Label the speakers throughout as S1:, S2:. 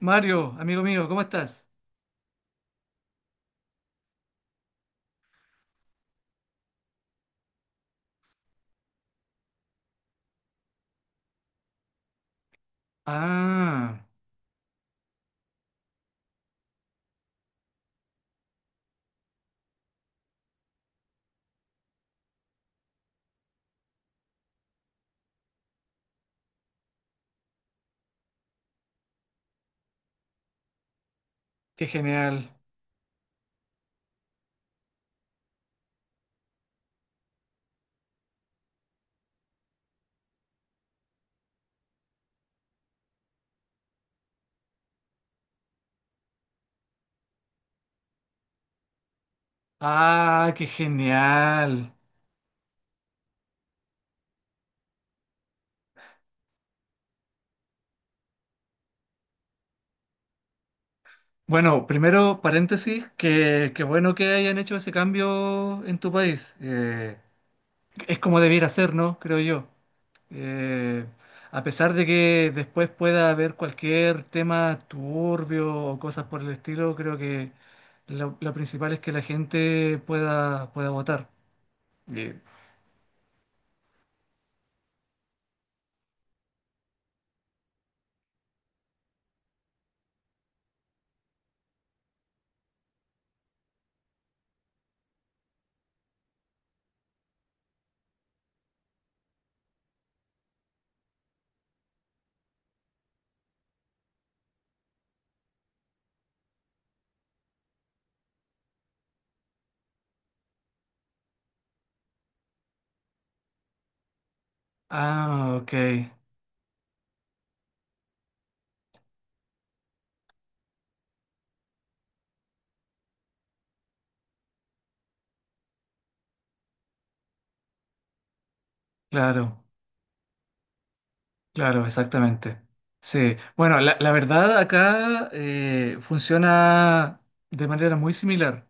S1: Mario, amigo mío, ¿cómo estás? Ah, qué genial. Ah, qué genial. Bueno, primero paréntesis, que bueno que hayan hecho ese cambio en tu país. Es como debiera ser, ¿no? Creo yo. Eh, a pesar de que después pueda haber cualquier tema turbio o cosas por el estilo, creo que lo principal es que la gente pueda, pueda votar. Y- Ah, ok, claro. Claro, exactamente. Sí. Bueno, la verdad acá funciona de manera muy similar.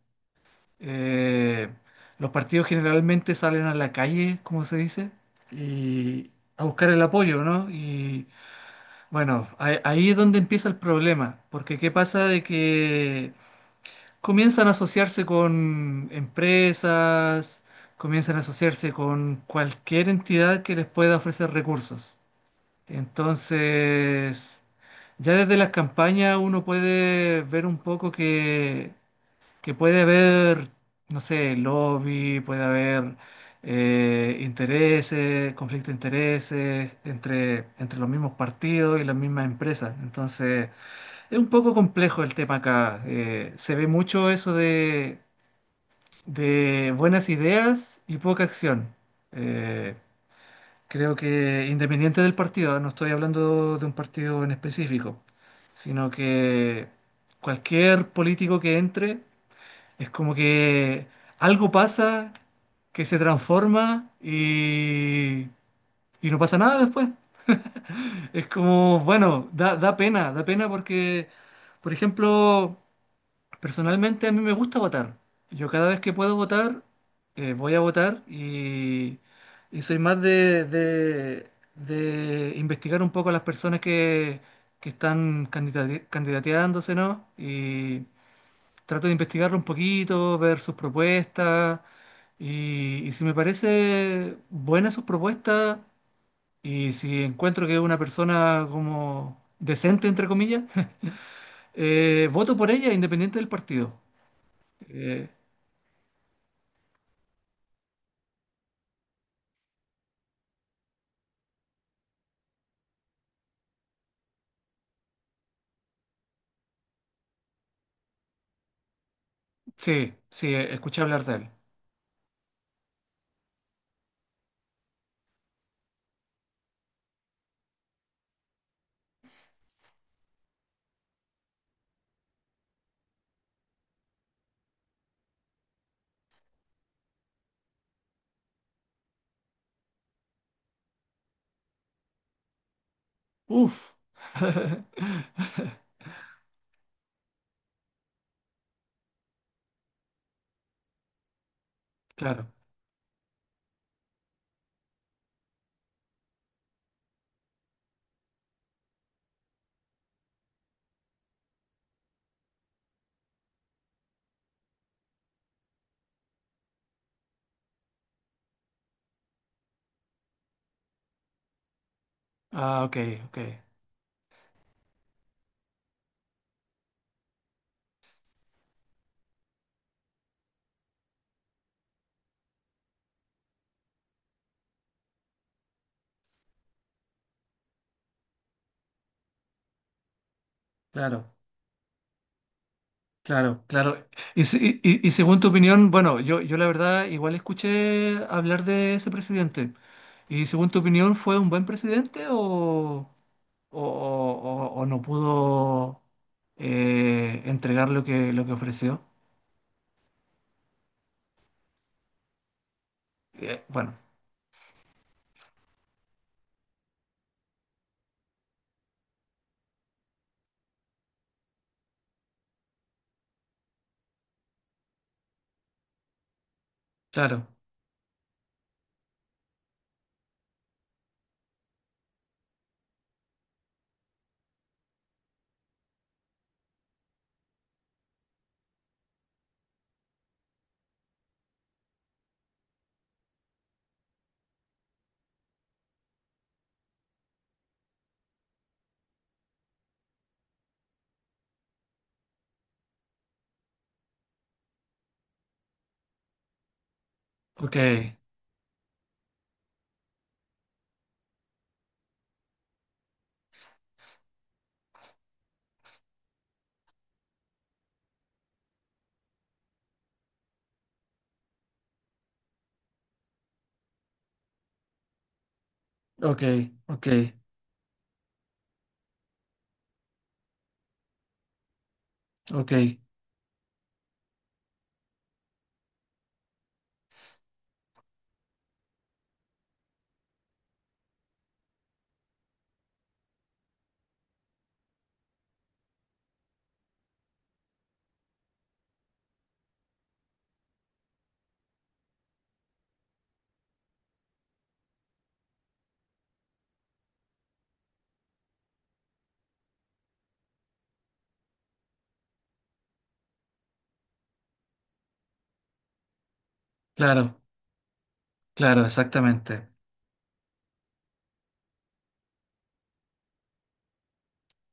S1: Eh, los partidos generalmente salen a la calle, como se dice, y a buscar el apoyo, ¿no? Y bueno, ahí es donde empieza el problema, porque ¿qué pasa de que comienzan a asociarse con empresas, comienzan a asociarse con cualquier entidad que les pueda ofrecer recursos? Entonces, ya desde las campañas uno puede ver un poco que puede haber, no sé, lobby, puede haber intereses, conflicto de intereses entre, entre los mismos partidos y las mismas empresas. Entonces, es un poco complejo el tema acá. Se ve mucho eso de buenas ideas y poca acción. Eh, Creo que independiente del partido, no estoy hablando de un partido en específico, sino que cualquier político que entre es como que algo pasa que se transforma y no pasa nada después. Es como, bueno, da pena porque, por ejemplo, personalmente a mí me gusta votar. Yo cada vez que puedo votar, voy a votar y soy más de, de investigar un poco a las personas que están candidateándose, ¿no? Y trato de investigarlo un poquito, ver sus propuestas y si me parece buena sus propuestas y si encuentro que es una persona como decente, entre comillas, voto por ella independiente del partido. Eh, Sí, sí, escuché hablar de él. Uf. Claro. Ah, ok, ok. Claro, claro, claro. Y, y según tu opinión, bueno, yo la verdad igual escuché hablar de ese presidente. ¿Y según tu opinión fue un buen presidente o, o no pudo entregar lo que ofreció? Bueno, claro. Ok, ok, ok, ok. Claro, claro, exactamente.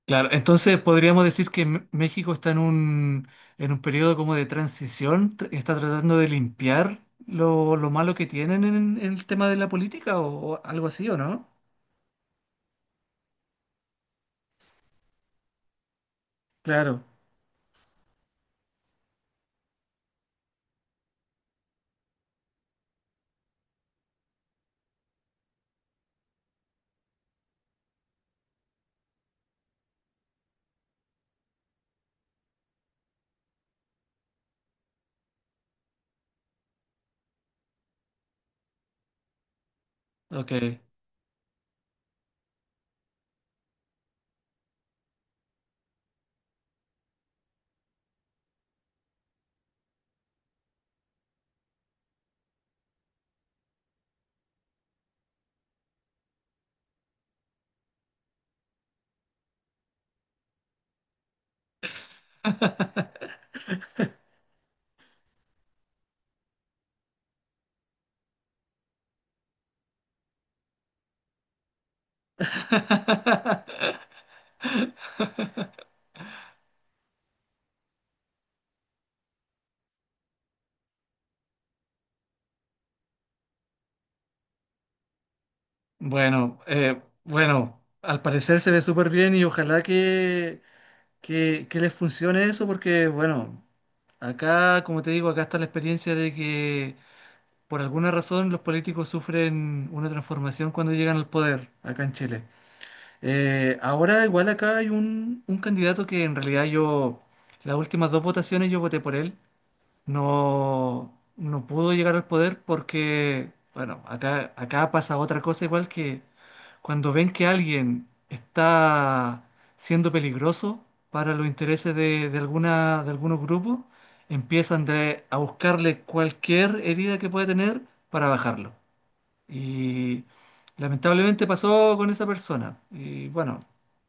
S1: Claro, entonces podríamos decir que México está en un periodo como de transición, está tratando de limpiar lo malo que tienen en el tema de la política o algo así, ¿o no? Claro, ok. Bueno, bueno, al parecer se ve súper bien y ojalá que les funcione eso porque, bueno, acá, como te digo, acá está la experiencia de que... Por alguna razón, los políticos sufren una transformación cuando llegan al poder acá en Chile. Ahora, igual acá hay un candidato que en realidad yo, las últimas dos votaciones yo voté por él, no, no pudo llegar al poder porque, bueno, acá, acá pasa otra cosa igual que cuando ven que alguien está siendo peligroso para los intereses de alguna, de algunos grupos, empiezan a buscarle cualquier herida que pueda tener para bajarlo. Y lamentablemente pasó con esa persona. Y bueno,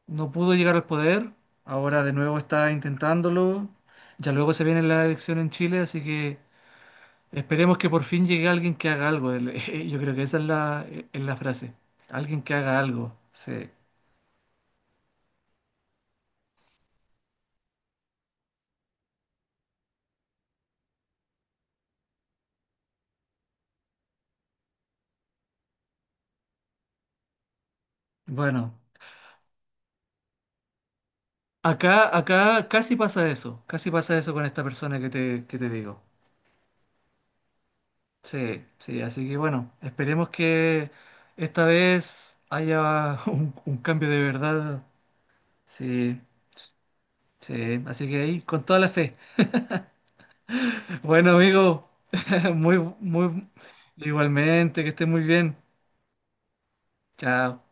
S1: no pudo llegar al poder. Ahora de nuevo está intentándolo. Ya luego se viene la elección en Chile, así que esperemos que por fin llegue alguien que haga algo. Yo creo que esa es es la frase. Alguien que haga algo. Sí. Bueno, acá, acá casi pasa eso. Casi pasa eso con esta persona que te digo. Sí, sí, así que bueno, esperemos que esta vez haya un cambio de verdad. Sí, sí, así que ahí, con toda la fe. Bueno, amigo, muy, muy, igualmente, que estés muy bien. Chao.